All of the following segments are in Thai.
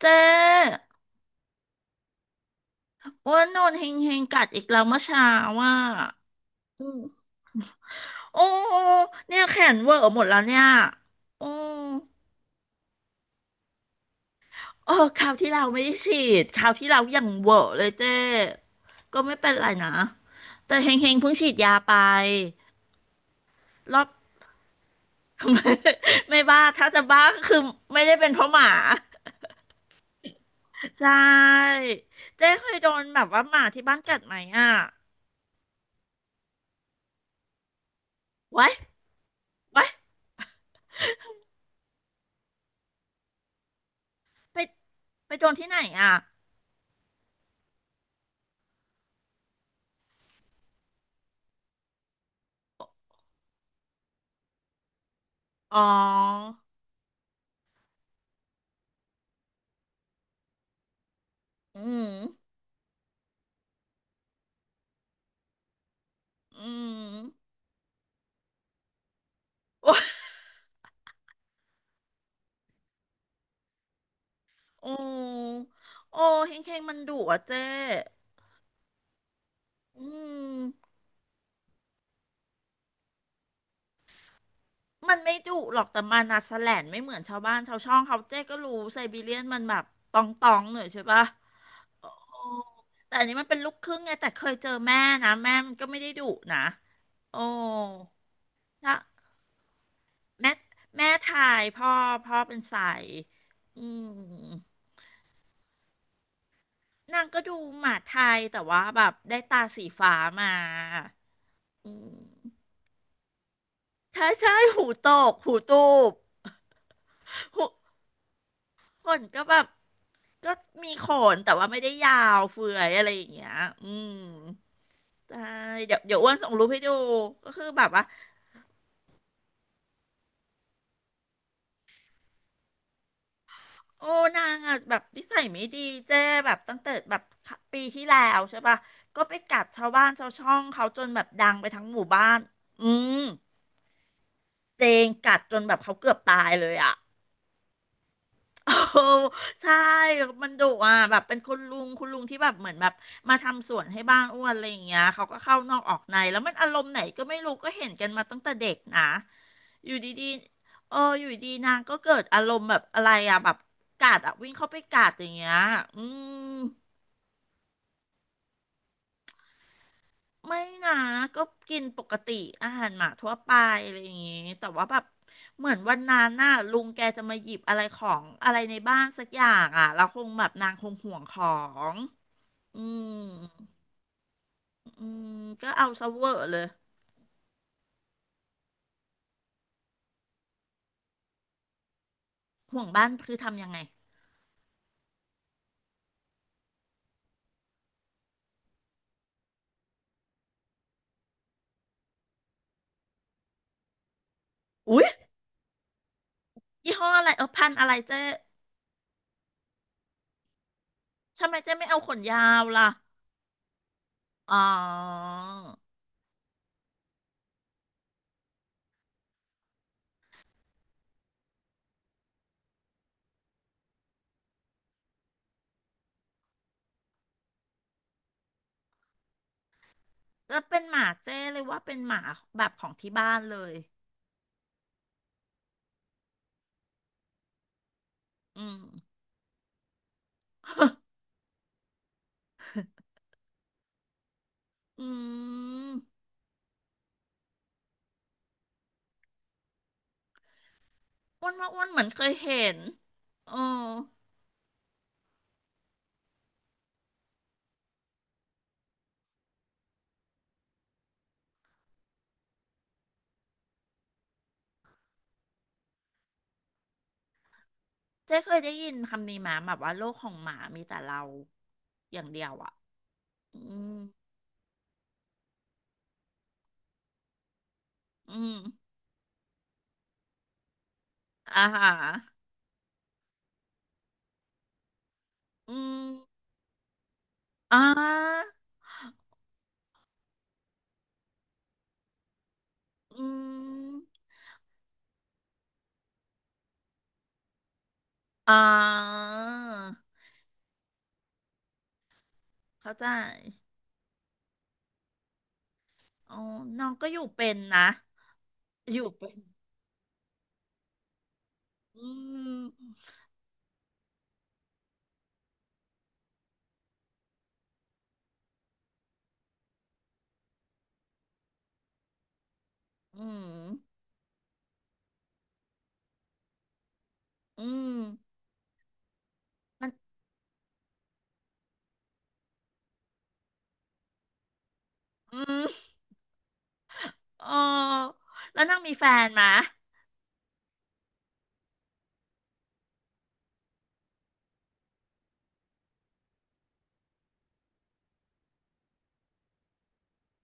เจ๊อ้ว่านอนเฮงเฮงกัดอีกแล้วเมื่อเช้าว่าอืมโอ้เนี่ยแขนเวอร์หมดแล้วเนี่ยโอ้เออคราวที่เราไม่ได้ฉีดคราวที่เรายังเวอร์เลยเจ๊ก็ไม่เป็นไรนะแต่เฮงเฮงเพิ่งฉีดยาไปรอบ ไม่ไม่บ้าถ้าจะบ้าก็คือไม่ได้เป็นเพราะหมาใช่เจ๊เคยโดนแบบว่าหมาที่บ้านกัดไหมอ่ะไว้ไว้ไปไปโดนที่ไหนอ่ะอ๋อ อืม อืมโอ้โอ้โอ้เฮงเฮงมันดุอ่ะเจ๊อืมมันไม่ดุหรอกแต่มันอะแสแลนไม่เหมือนชาวบ้านชาวช่องเขาเจ๊ก็รู้ไซบีเรียนมันแบบตองตองหน่อยใช่ปะโอ้แต่อันนี้มันเป็นลูกครึ่งไงแต่เคยเจอแม่นะแม่มันก็ไม่ได้ดุนะโอ้ถ้าแม่แม่ไทยพ่อพ่อเป็นสายอืมนางก็ดูหมาไทยแต่ว่าแบบได้ตาสีฟ้ามา อืมใช่ใช่หูตกหูตูบหูขนก็แบบก็มีขนแต่ว่าไม่ได้ยาวเฟื่อยอะไรอย่างเงี้ยอืมใช่เดี๋ยวเดี๋ยวอ้วนส่งรูปให้ดูก็คือแบบว่าโอ้นางอ่ะแบบนิสัยไม่ดีเจ้แบบตั้งแต่แบบปีที่แล้วใช่ปะก็ไปกัดชาวบ้านชาวช่องเขาจนแบบดังไปทั้งหมู่บ้านอืมเจงกัดจนแบบเขาเกือบตายเลยอ่ะ โอ้ใช่มันดุอ่ะแบบเป็นคุณลุงคุณลุงที่แบบเหมือนแบบมาทำสวนให้บ้านอ้วนอะไรอย่างเงี้ยเขาก็เข้านอกออกในแล้วมันอารมณ์ไหนก็ไม่รู้ก็เห็นกันมาตั้งแต่เด็กนะอยู่ดีๆเอออยู่ดีๆนางก็เกิดอารมณ์แบบอะไรอ่ะแบบกัดอ่ะวิ่งเข้าไปกัดอย่างเงี้ยอืม ไม่นะก็กินปกติอาหารหมาทั่วไปอะไรอย่างงี้แต่ว่าแบบเหมือนวันนั้นน่ะลุงแกจะมาหยิบอะไรของอะไรในบ้านสักอย่างอ่ะเราคงแบบนางคงห่วงของอืมอืมก็เอาซะเวอร์เลยห่วงบ้านคือทำยังไงอุ๊ยยี่ห้ออะไรเออพันธุ์อะไรเจ๊ทำไมเจ๊ไม่เอาขนยาวล่ะอ๋อแล้วเป็นหมาเจ้เลยว่าเป็นหมาแบบของที่บ้านเลยอืมอืม อ้วนว่าอ้วนเหมือนเคยเห็นเออเจ๊เคยได้ยินคำนี้มาแบบว่าโลกของหมามีแต่เราอย่างเดียวอ่ะอืมอืมอ่าฮะอืมอ่าอืมอ่าเข้าใจอ๋อน้องก็อยู่เป็นนะอยู่เป็นอืมอืมอืมมันอืมเอ๋อแล้วนางมีแฟนไหมะ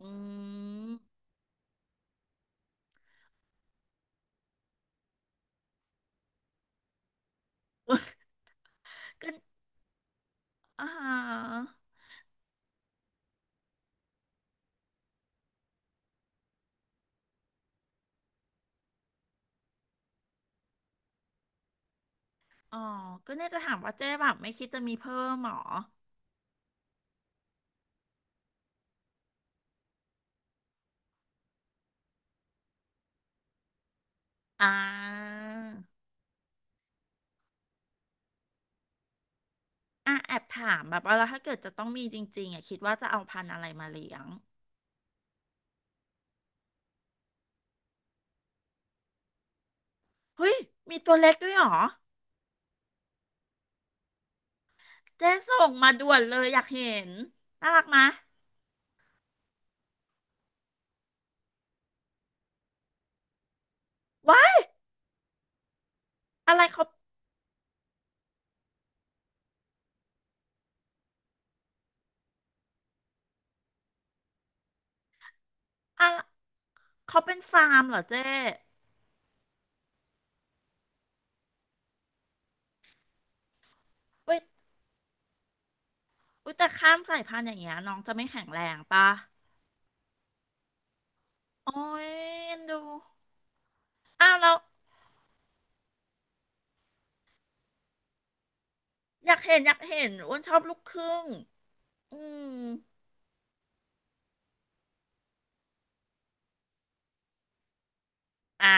อืม กันอ่า อ๋อก็เนี่ยจะถามว่าเจ๊แบบไม่คิดจะมีเพิ่มหรออ่าอ่ะแอบถามแบบว่าแล้วถ้าเกิดจะต้องมีจริงๆอ่ะคิดว่าจะเอาพันธุ์อะไรมาเลี้ยงเฮ้ยมีตัวเล็กด้วยเหรอ เจ๊ส่งมาด่วนเลยอยากเห็นน่ารักมะว้ายอะไรเขาอะไรเขาเป็นฟาร์มเหรอเจ๊เว้ยอุ้ยแต่ข้ามสายพันธุ์อย่างเงี้ยน้องจะไม่แข็งแรงปะโอ้ยเอ็นดูอ้าวเราอยากเห็นอยากเห็นอ้วนชอบลูกครึ่งอืมอ่ะ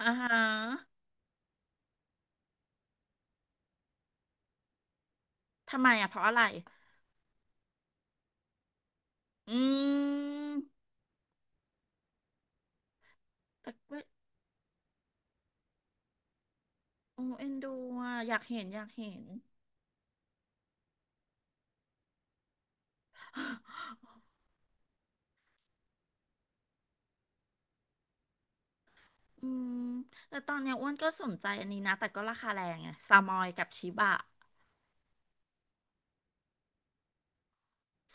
อ่าฮะ ทำไมอ่ะเพราะอะไรอืมแต่ก็โอ้เอ็นดูอ่ะอยากเห็นอยากเห็น อืมแต่ตอนเนี้ยอ้วนก็สนใจอันนี้นะแต่ก็ราคาแรงไงซามอยกับชิบะ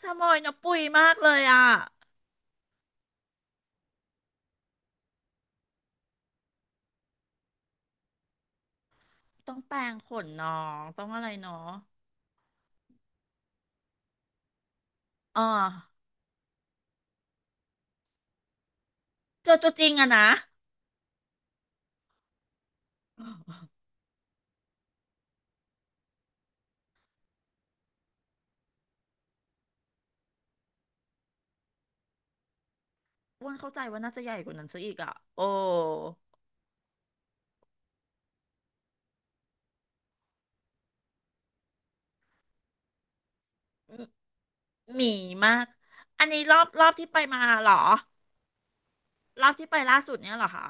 ซามอยเนาะปุยมากเลยอ่ะต้องแปรงขนน้องต้องอะไรเนาะอ่าเจอตัวจริงอะนะอ้วนเข้าใจว่าน่าจะใหญ่กว่านั้นซะอีกอ่ะโอ้หหมีมากอันนี้รอบรอบที่ไปมาเหรอรอบที่ไปล่าสุดเนี้ยเหรอคะ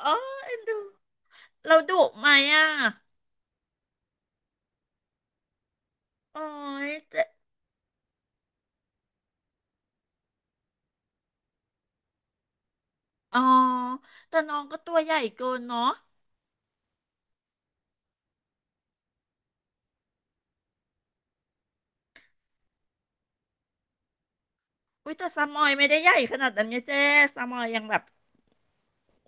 อ๋อเอ็นดู เราดุไหมอ่ะโอ้ยเจ๊อ๋อแต่น้องก็ตัวใหญ่เกินเนาะอุ้ยแต่ซามอยไม่ได้ใหญ่ขนาดนั้นไงเจ๊ซามอยยังแบบ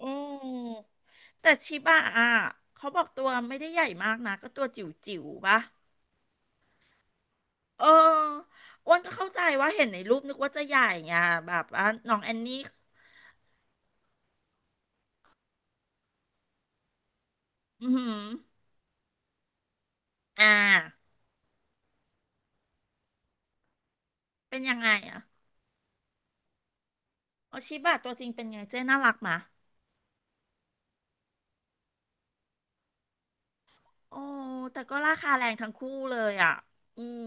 อืมแต่ชิบะอ่ะเขาบอกตัวไม่ได้ใหญ่มากนะก็ตัวจิ๋วจิ๋วปะเอออ้วนก็เข้าใจว่าเห็นในรูปนึกว่าจะใหญ่ไงแบบว่าน้องแอนนี่อือหืออ่าเป็นยังไงอ่ะอ๋อชิบะตัวจริงเป็นไงเจ๊น่ารักมะโอ้แต่ก็ราคาแรงทั้งคู่เลยอ่ะอืม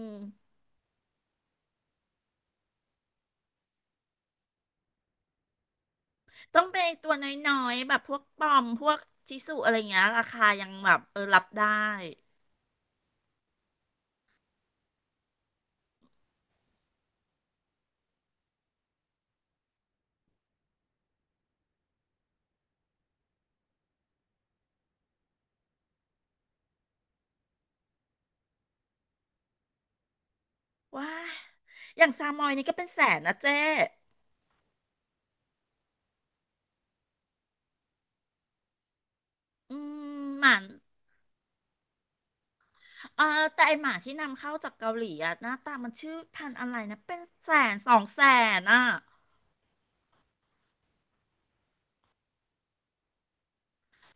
ต้องเป็นไอ้ตัวน้อยๆแบบพวกปอมพวกชิสุอะไรเงี้ยราคายังแบบเออรับได้ว้ายอย่างซามอยนี่ก็เป็นแสนนะเจ๊อืมหมันเออแต่ไอหมาที่นำเข้าจากเกาหลีอะหน้าตามันชื่อพันธุ์อะไรนะเป็นแสนสองแสนอะ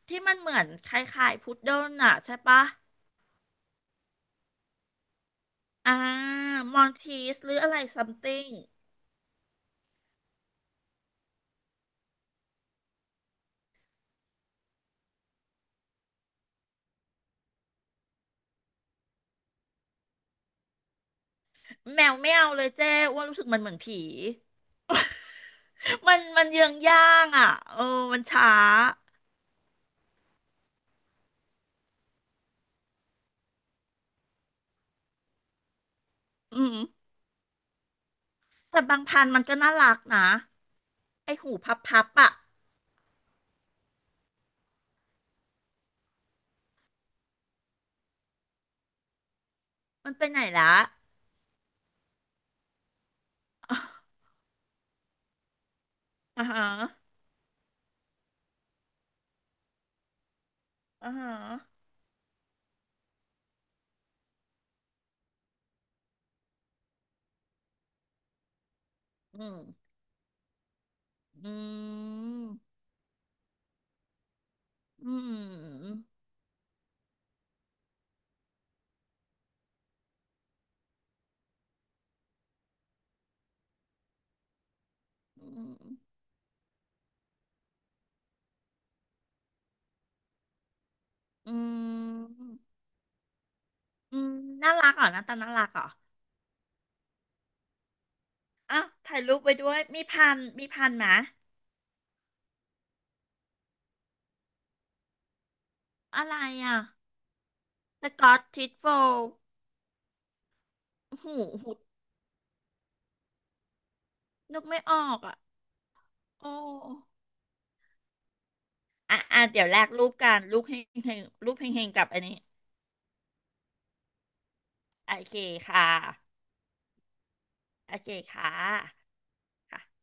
ที่มันเหมือนคล้ายๆพุดเดิ้ลอะใช่ปะอ่ามอนทีสหรืออะไรซัมติงแมวไม่เอาเลยเจ๊อ้ว่ารู้สึกมันเหมือนผี มันมันเยืองย่างอ่ะเออมันช้า อืมแต่บางพันธุ์มันก็น่ารักนะไอหูพับพับอะมันไปไหนละอ่าฮะอ่าฮะอืมอืมอืมอืมอืมอืมน่ารักเหรอหน้าตาน่ารักเหรออ่ะถ่ายรูปไว้ด้วยมีพันธ์มีพันธ์ไหมอะไรอ่ะสกอตทิชโฟลหูหูนึกไม่ออกอ่ะโอ้อ่ะอ่ะเดี๋ยวแลกรูปกันรูปเฮงเฮงรูปเฮงเฮงกับอันนี้โอเคค่ะ โอเคค่ะค่ะ